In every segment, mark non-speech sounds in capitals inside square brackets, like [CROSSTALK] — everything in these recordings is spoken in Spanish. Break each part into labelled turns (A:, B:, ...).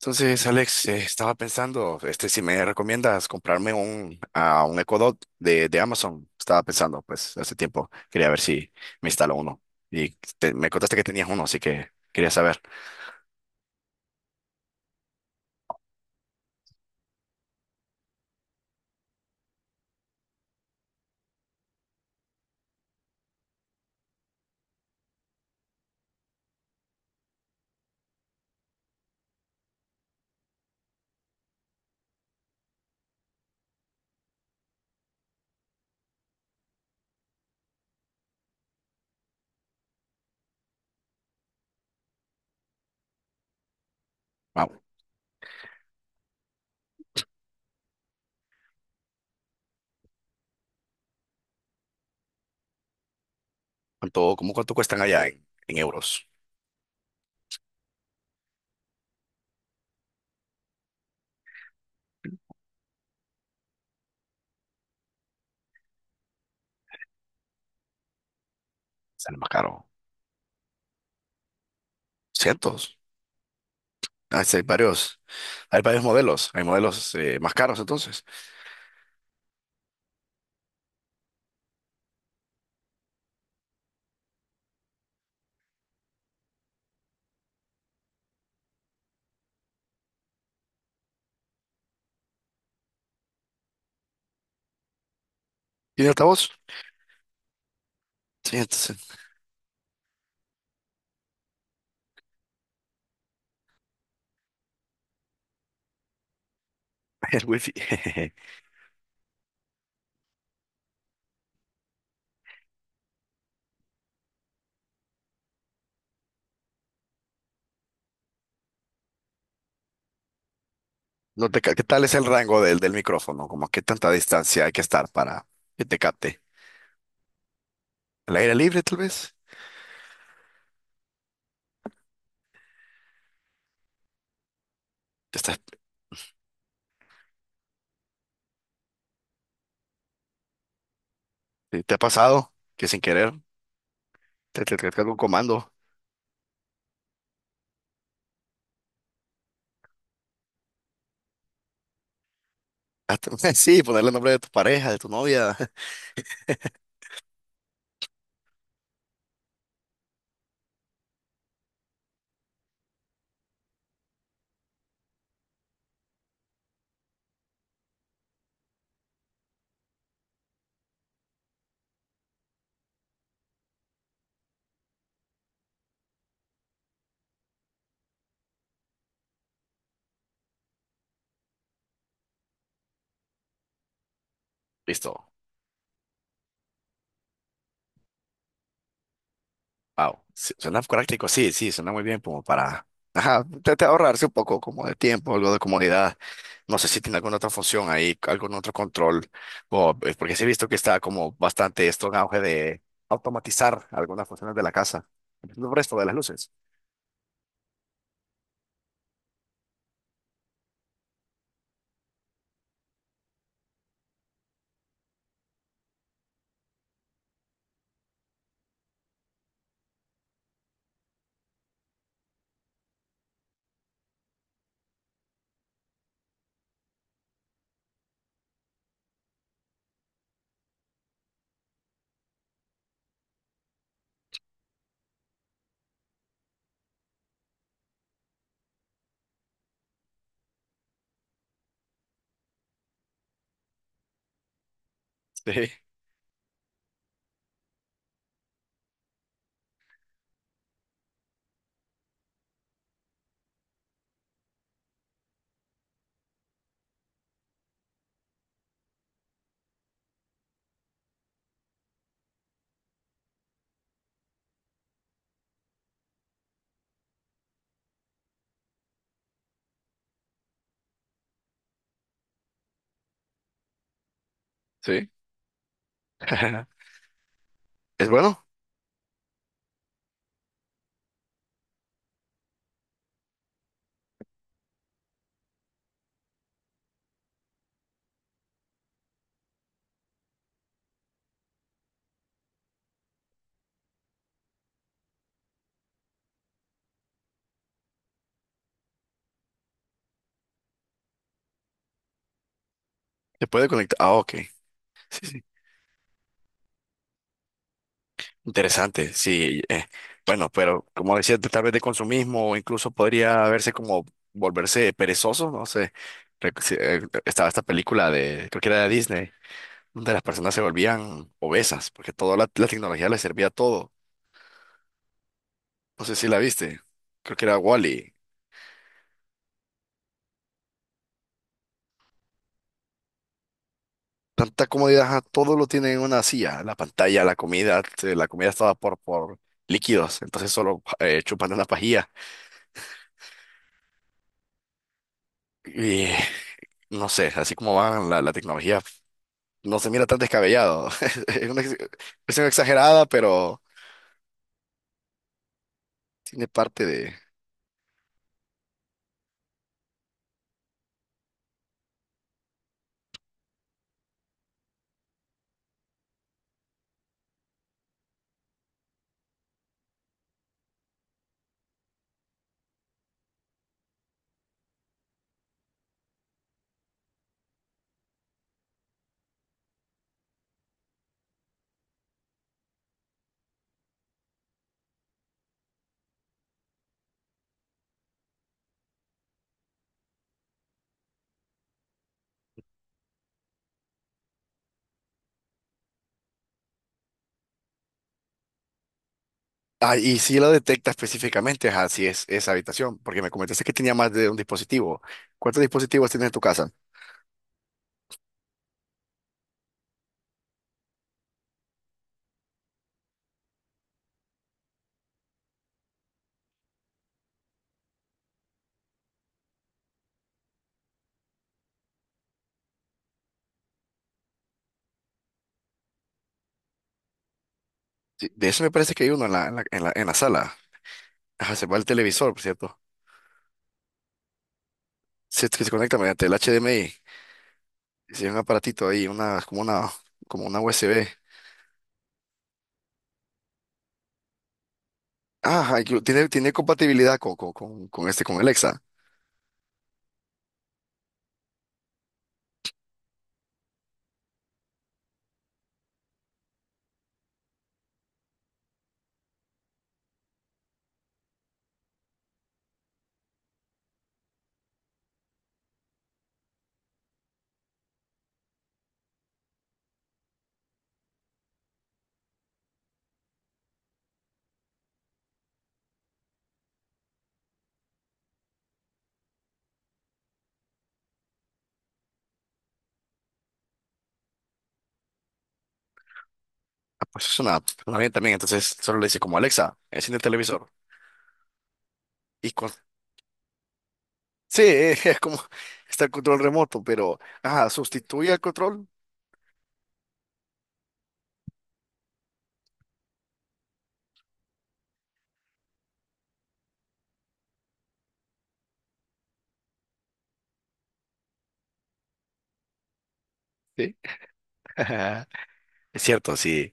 A: Entonces, Alex, estaba pensando, si me recomiendas comprarme a un Echo Dot de Amazon, estaba pensando, pues, hace tiempo, quería ver si me instalo uno. Y me contaste que tenías uno, así que quería saber, ah, ¿cuánto, cómo cuánto cuestan allá en euros? ¿Sale más caro? ¿Cientos? Ah, sí, hay varios, hay varios modelos, hay modelos más caros entonces. ¿Y de altavoz? Sí, entonces, [LAUGHS] el wifi. [LAUGHS] No te, ca- ¿qué tal es el rango del, del micrófono? ¿Como qué tanta distancia hay que estar para que te capte? Al aire libre, tal vez. ¿Te, estás- te ha pasado que sin querer te un comando? Hasta- [LAUGHS] Sí, ponerle el nombre de tu pareja, de tu novia. [LAUGHS] Listo. Wow. Sí, suena práctico, sí, sí, suena muy bien como para ajá, te ahorrarse un poco como de tiempo, algo de comodidad. No sé si tiene alguna otra función ahí, algún otro control. O, porque sí he visto que está como bastante esto en auge de automatizar algunas funciones de la casa. Empezando por esto de las luces. Sí, sí. [LAUGHS] Es bueno. Se puede conectar. Ah, ok. Sí, sí, interesante, sí. Bueno, pero como decía, tal vez de consumismo o incluso podría verse como volverse perezoso, no sé. Rec- si- estaba esta película de, creo que era de Disney, donde las personas se volvían obesas, porque toda la tecnología les servía todo. No sé si la viste, creo que era Wally. Tanta comodidad, ajá, todo lo tiene en una silla, la pantalla, la comida estaba por líquidos, entonces solo chupan de una pajilla. Y no sé, así como van la tecnología. No se mira tan descabellado. [LAUGHS] Es una expresión exagerada, pero tiene parte de... Ah, y si lo detecta específicamente, ajá, si es esa habitación, porque me comentaste que tenía más de un dispositivo. ¿Cuántos dispositivos tienes en tu casa? Sí, de eso me parece que hay uno en en la sala. Ajá, se va el televisor, por cierto. Se, que se conecta mediante el HDMI. Sí, un aparatito ahí, como una USB. Ah, hay que- tiene, tiene compatibilidad con, este, con Alexa. Ah, pues es una bien también, entonces solo le dice como Alexa, enciende el televisor. Y con, sí, [LAUGHS] es como, está el control remoto, pero, ah, sustituye al control. Sí. [LAUGHS] Es cierto, sí.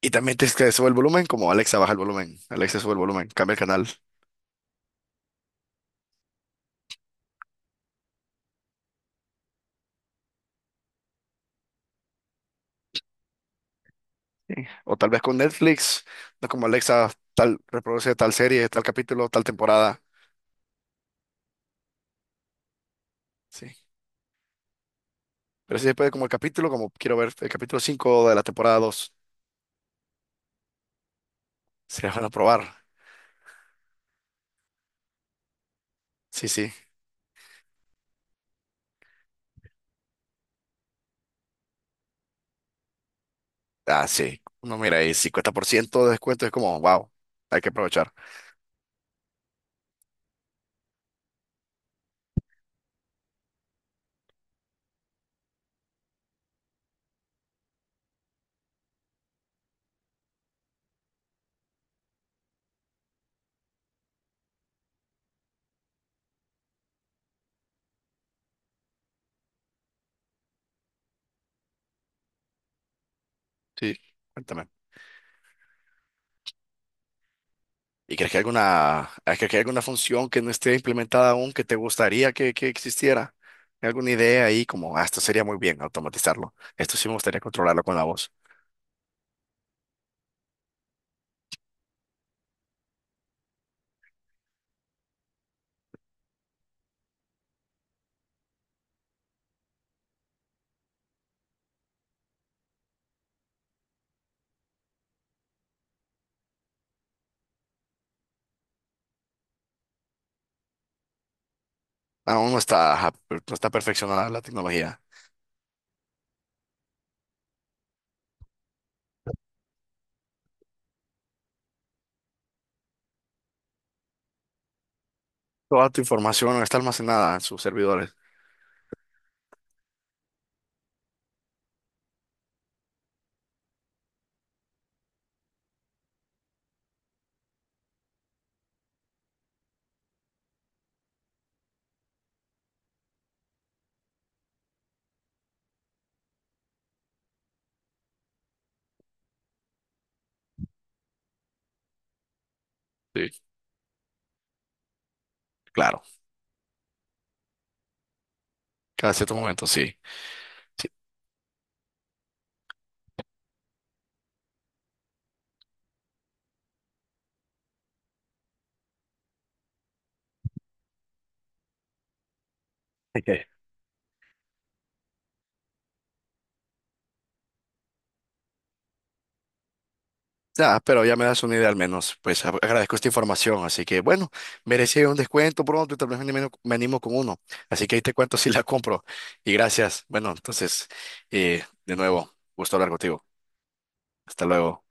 A: Y también te que sube el volumen, como Alexa baja el volumen, Alexa sube el volumen, cambia el canal. Sí. O tal vez con Netflix, no como Alexa, tal, reproduce tal serie, tal capítulo, tal temporada. Sí, pero sí se puede como el capítulo, como quiero ver el capítulo 5 de la temporada 2. Se van a probar. Sí, sí. Ah, sí. No, mira, y 50% de descuento es como, wow, hay que aprovechar. Sí, cuéntame. ¿Y crees que hay alguna, ah, crees que hay alguna función que no esté implementada aún que te gustaría que existiera? ¿Hay alguna idea ahí como, ah, esto sería muy bien automatizarlo? Esto sí me gustaría controlarlo con la voz. Aún no está, ajá, per- no está perfeccionada la tecnología. Toda tu información está almacenada en sus servidores. Sí, claro. Cada cierto momento, sí. Sí. Ok. Ya, pero ya me das una idea al menos. Pues a- agradezco esta información. Así que bueno, merecía un descuento pronto y tal vez me animo con uno. Así que ahí te cuento [LAUGHS] si la compro. Y gracias. Bueno, entonces, de nuevo, gusto hablar contigo. Hasta luego.